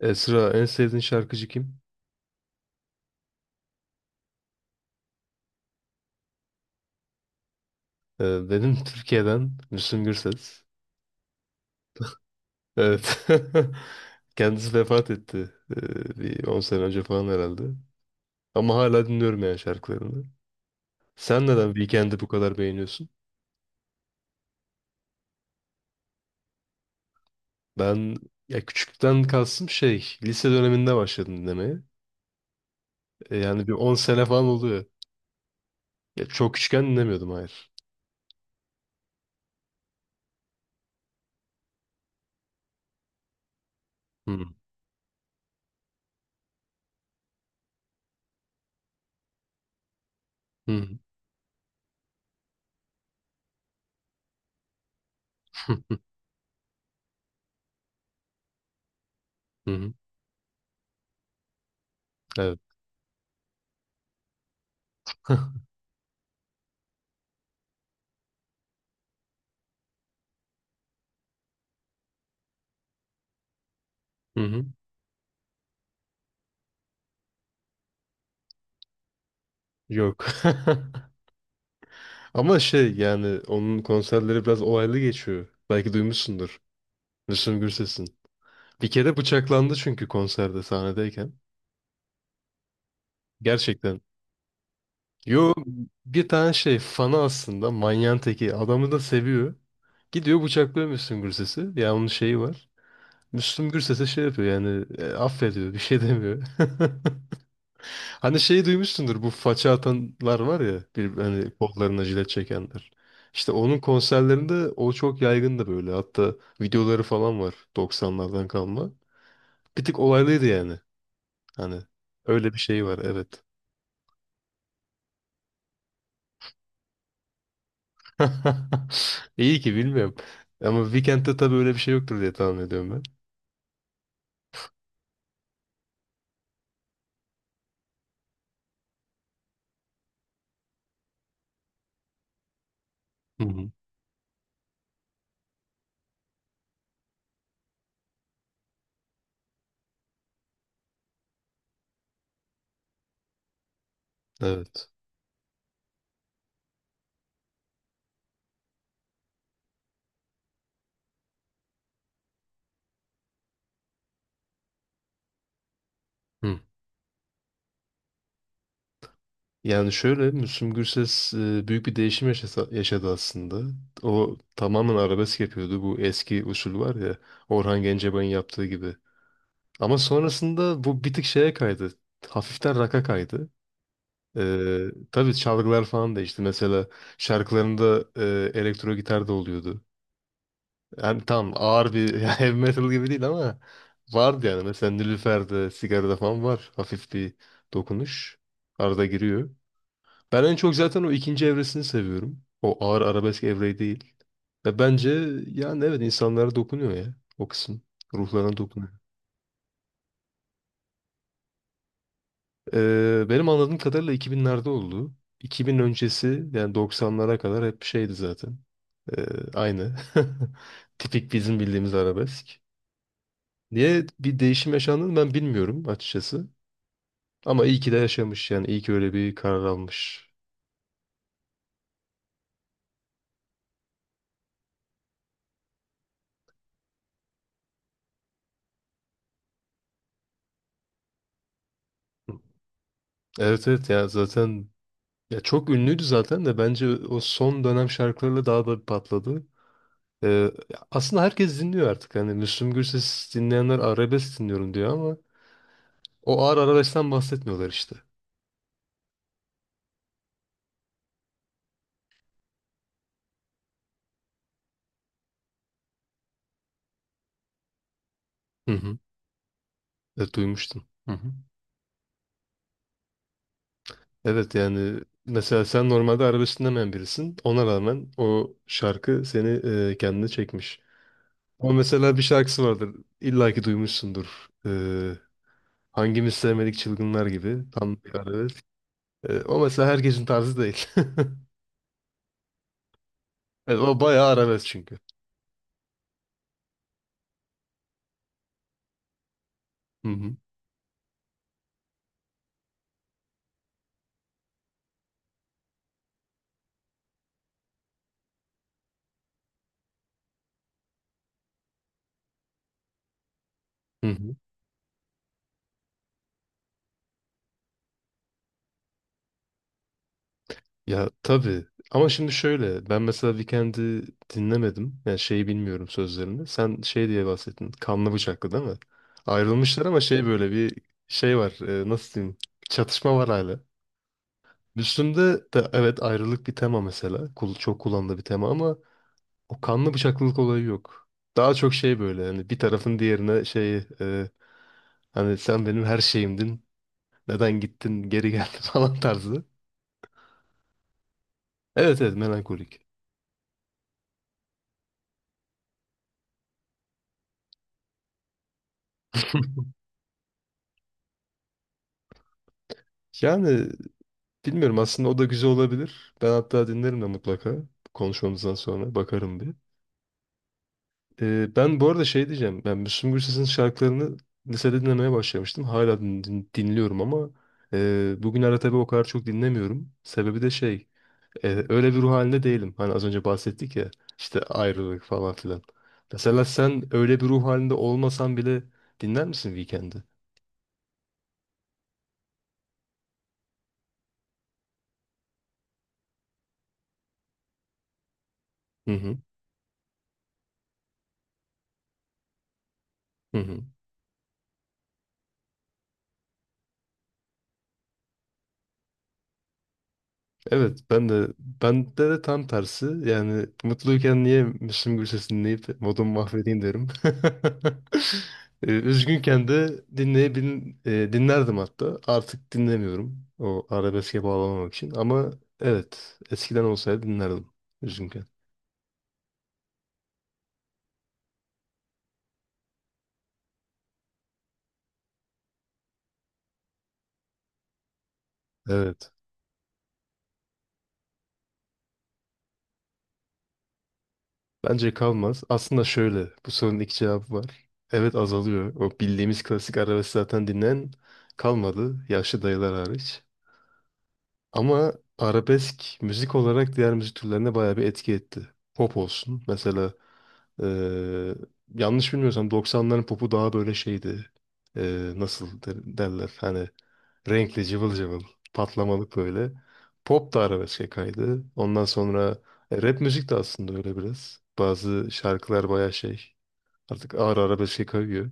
Sıra en sevdiğin şarkıcı kim? Benim Türkiye'den Müslüm Gürses. Evet. Kendisi vefat etti. Bir 10 sene önce falan herhalde. Ama hala dinliyorum yani şarkılarını. Sen neden Weekend'i bu kadar beğeniyorsun? Ben ya küçükten kalsın şey lise döneminde başladım dinlemeye. Yani bir 10 sene falan oluyor. Ya, çok küçükken dinlemiyordum, hayır. Hı hı. Hı hı. Evet. Hı hı. Yok. Ama şey yani onun konserleri biraz olaylı geçiyor. Belki duymuşsundur. Müslüm Gürses'in. Bir kere bıçaklandı çünkü konserde sahnedeyken. Gerçekten. Yo, bir tane şey fanı aslında, manyağın teki. Adamı da seviyor. Gidiyor bıçaklıyor Müslüm Gürses'i. Ya onun şeyi var. Müslüm Gürses'e şey yapıyor yani affediyor, bir şey demiyor. Hani şeyi duymuşsundur, bu faça atanlar var ya bir, hani kollarına jilet çekenler. İşte onun konserlerinde o çok yaygındı böyle. Hatta videoları falan var 90'lardan kalma. Bir tık olaylıydı yani. Hani öyle bir şey var, evet. İyi ki bilmiyorum. Ama Weekend'de tabii öyle bir şey yoktur diye tahmin ediyorum ben. Hı hı. Evet. Hı. Yani şöyle, Müslüm Gürses büyük bir değişim yaşadı aslında. O tamamen arabesk yapıyordu. Bu eski usul var ya, Orhan Gencebay'ın yaptığı gibi. Ama sonrasında bu bir tık şeye kaydı. Hafiften rock'a kaydı. Tabii çalgılar falan değişti. Mesela şarkılarında elektro gitar da oluyordu. Yani tam ağır bir heavy metal gibi değil ama vardı yani. Mesela Nilüfer'de, Sigara'da falan var. Hafif bir dokunuş. Arada giriyor. Ben en çok zaten o ikinci evresini seviyorum. O ağır arabesk evreyi değil. Ve bence yani evet, insanlara dokunuyor ya o kısım. Ruhlarına dokunuyor. Benim anladığım kadarıyla 2000'lerde oldu. 2000 öncesi yani 90'lara kadar hep şeydi zaten. Ee, Aynı. Tipik bizim bildiğimiz arabesk. Niye bir değişim yaşandığını ben bilmiyorum açıkçası. Ama iyi ki de yaşamış yani, iyi ki öyle bir karar almış. Evet, evet, ya zaten. Ya çok ünlüydü zaten de bence o son dönem şarkılarıyla daha da bir patladı. Ee, Ya aslında herkes dinliyor artık. Hani Müslüm Gürses dinleyenler arabesk dinliyorum diyor ama o ağır arabeskten bahsetmiyorlar işte. Hı hı. Evet, duymuştum. Hı hı. Evet yani mesela sen normalde arabesk dinlemeyen birisin. Ona rağmen o şarkı seni kendine çekmiş. Ama mesela bir şarkısı vardır. İlla ki duymuşsundur. Hangimiz sevmedik çılgınlar gibi. Tam bir arabesk. O mesela herkesin tarzı değil. Evet, o bayağı arabesk çünkü. Hı hı. Hı hı. Ya tabii. Ama şimdi şöyle. Ben mesela Weekend'i dinlemedim. Yani şeyi bilmiyorum, sözlerini. Sen şey diye bahsettin. Kanlı bıçaklı değil mi? Ayrılmışlar ama şey böyle bir şey var. Nasıl diyeyim? Çatışma var hala. Müslüm'de de evet, ayrılık bir tema mesela. Çok kullanılan bir tema ama o kanlı bıçaklılık olayı yok. Daha çok şey böyle hani bir tarafın diğerine şey hani sen benim her şeyimdin. Neden gittin, geri geldin falan tarzı. Evet, evet, melankolik. Yani bilmiyorum aslında, o da güzel olabilir. Ben hatta dinlerim de mutlaka. Konuşmamızdan sonra bakarım bir. Ben bu arada şey diyeceğim. Ben Müslüm Gürses'in şarkılarını lisede dinlemeye başlamıştım. Hala dinliyorum ama bugünlerde tabii o kadar çok dinlemiyorum. Sebebi de şey. Öyle bir ruh halinde değilim. Hani az önce bahsettik ya, işte ayrılık falan filan. Mesela sen öyle bir ruh halinde olmasan bile dinler misin Weekend'i? Hı hı. Hı hı. Evet, ben de, bende de tam tersi yani mutluyken niye Müslüm Gürses dinleyip modumu mahvedeyim derim. Üzgünken de dinlerdim hatta, artık dinlemiyorum o arabeske bağlamamak için ama evet, eskiden olsaydı dinlerdim üzgünken. Evet, bence kalmaz aslında, şöyle, bu sorunun iki cevabı var. Evet, azalıyor, o bildiğimiz klasik arabesk zaten dinleyen kalmadı, yaşlı dayılar hariç. Ama arabesk müzik olarak diğer müzik türlerine bayağı bir etki etti. Pop olsun. Mesela eee, yanlış bilmiyorsam 90'ların popu daha böyle şeydi. Nasıl derler, hani renkli, cıvıl cıvıl, patlamalık böyle. Pop da arabeske kaydı. Ondan sonra rap müzik de aslında öyle biraz. Bazı şarkılar bayağı şey, artık ağır arabeske kayıyor.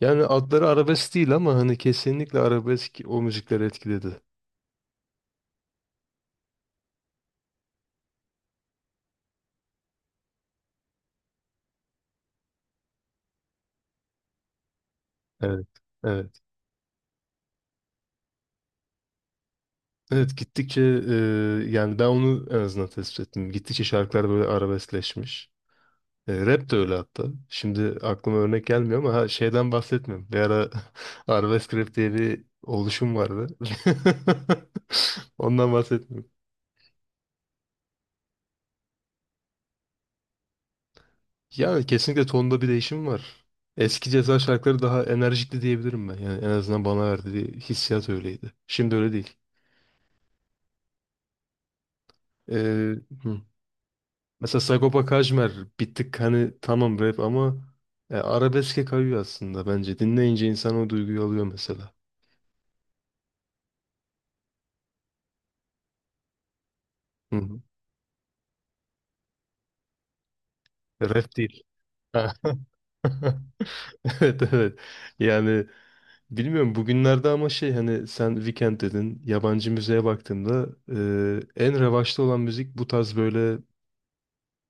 Yani adları arabesk değil ama hani kesinlikle arabesk o müzikleri etkiledi. Evet. Evet. Evet, gittikçe e, yani ben onu en azından tespit ettim. Gittikçe şarkılar böyle arabeskleşmiş. Rap de öyle hatta. Şimdi aklıma örnek gelmiyor ama ha, şeyden bahsetmiyorum. Bir ara arabesk rap diye bir oluşum vardı. Ondan bahsetmiyorum. Yani kesinlikle tonda bir değişim var. Eski Ceza şarkıları daha enerjikti diyebilirim ben. Yani en azından bana verdiği hissiyat öyleydi. Şimdi öyle değil. E, hı. Mesela Sagopa Kajmer bir tık hani tamam rap ama arabeske kayıyor aslında bence. Dinleyince insan o duyguyu alıyor mesela. Hı hı. Rap değil. Ha. Evet, evet. Yani bilmiyorum bugünlerde ama şey hani sen Weekend dedin. Yabancı müziğe baktığımda en revaçta olan müzik bu tarz böyle,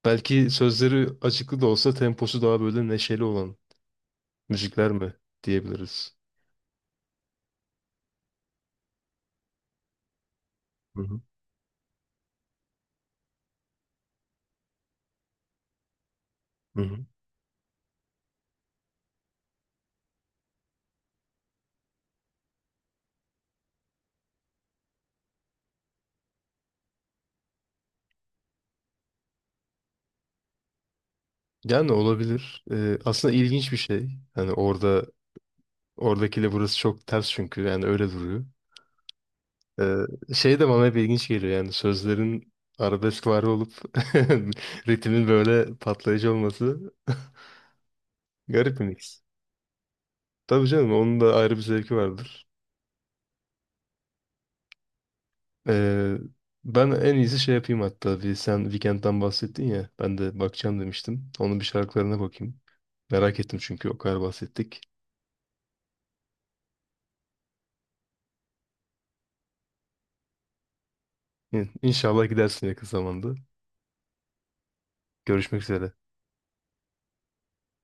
belki sözleri açıklı da olsa temposu daha böyle neşeli olan müzikler mi diyebiliriz? Hı hı. Hı hı. Yani olabilir. Aslında ilginç bir şey. Hani orada oradakiyle burası çok ters çünkü yani öyle duruyor. Şey de bana hep ilginç geliyor yani sözlerin arabesk var olup ritmin böyle patlayıcı olması garip bir mix. Tabii canım, onun da ayrı bir zevki vardır. Ee, Ben en iyisi şey yapayım, hatta bir sen Weekend'den bahsettin ya, ben de bakacağım demiştim. Onun bir şarkılarına bakayım. Merak ettim çünkü o kadar bahsettik. İnşallah gidersin yakın zamanda. Görüşmek üzere.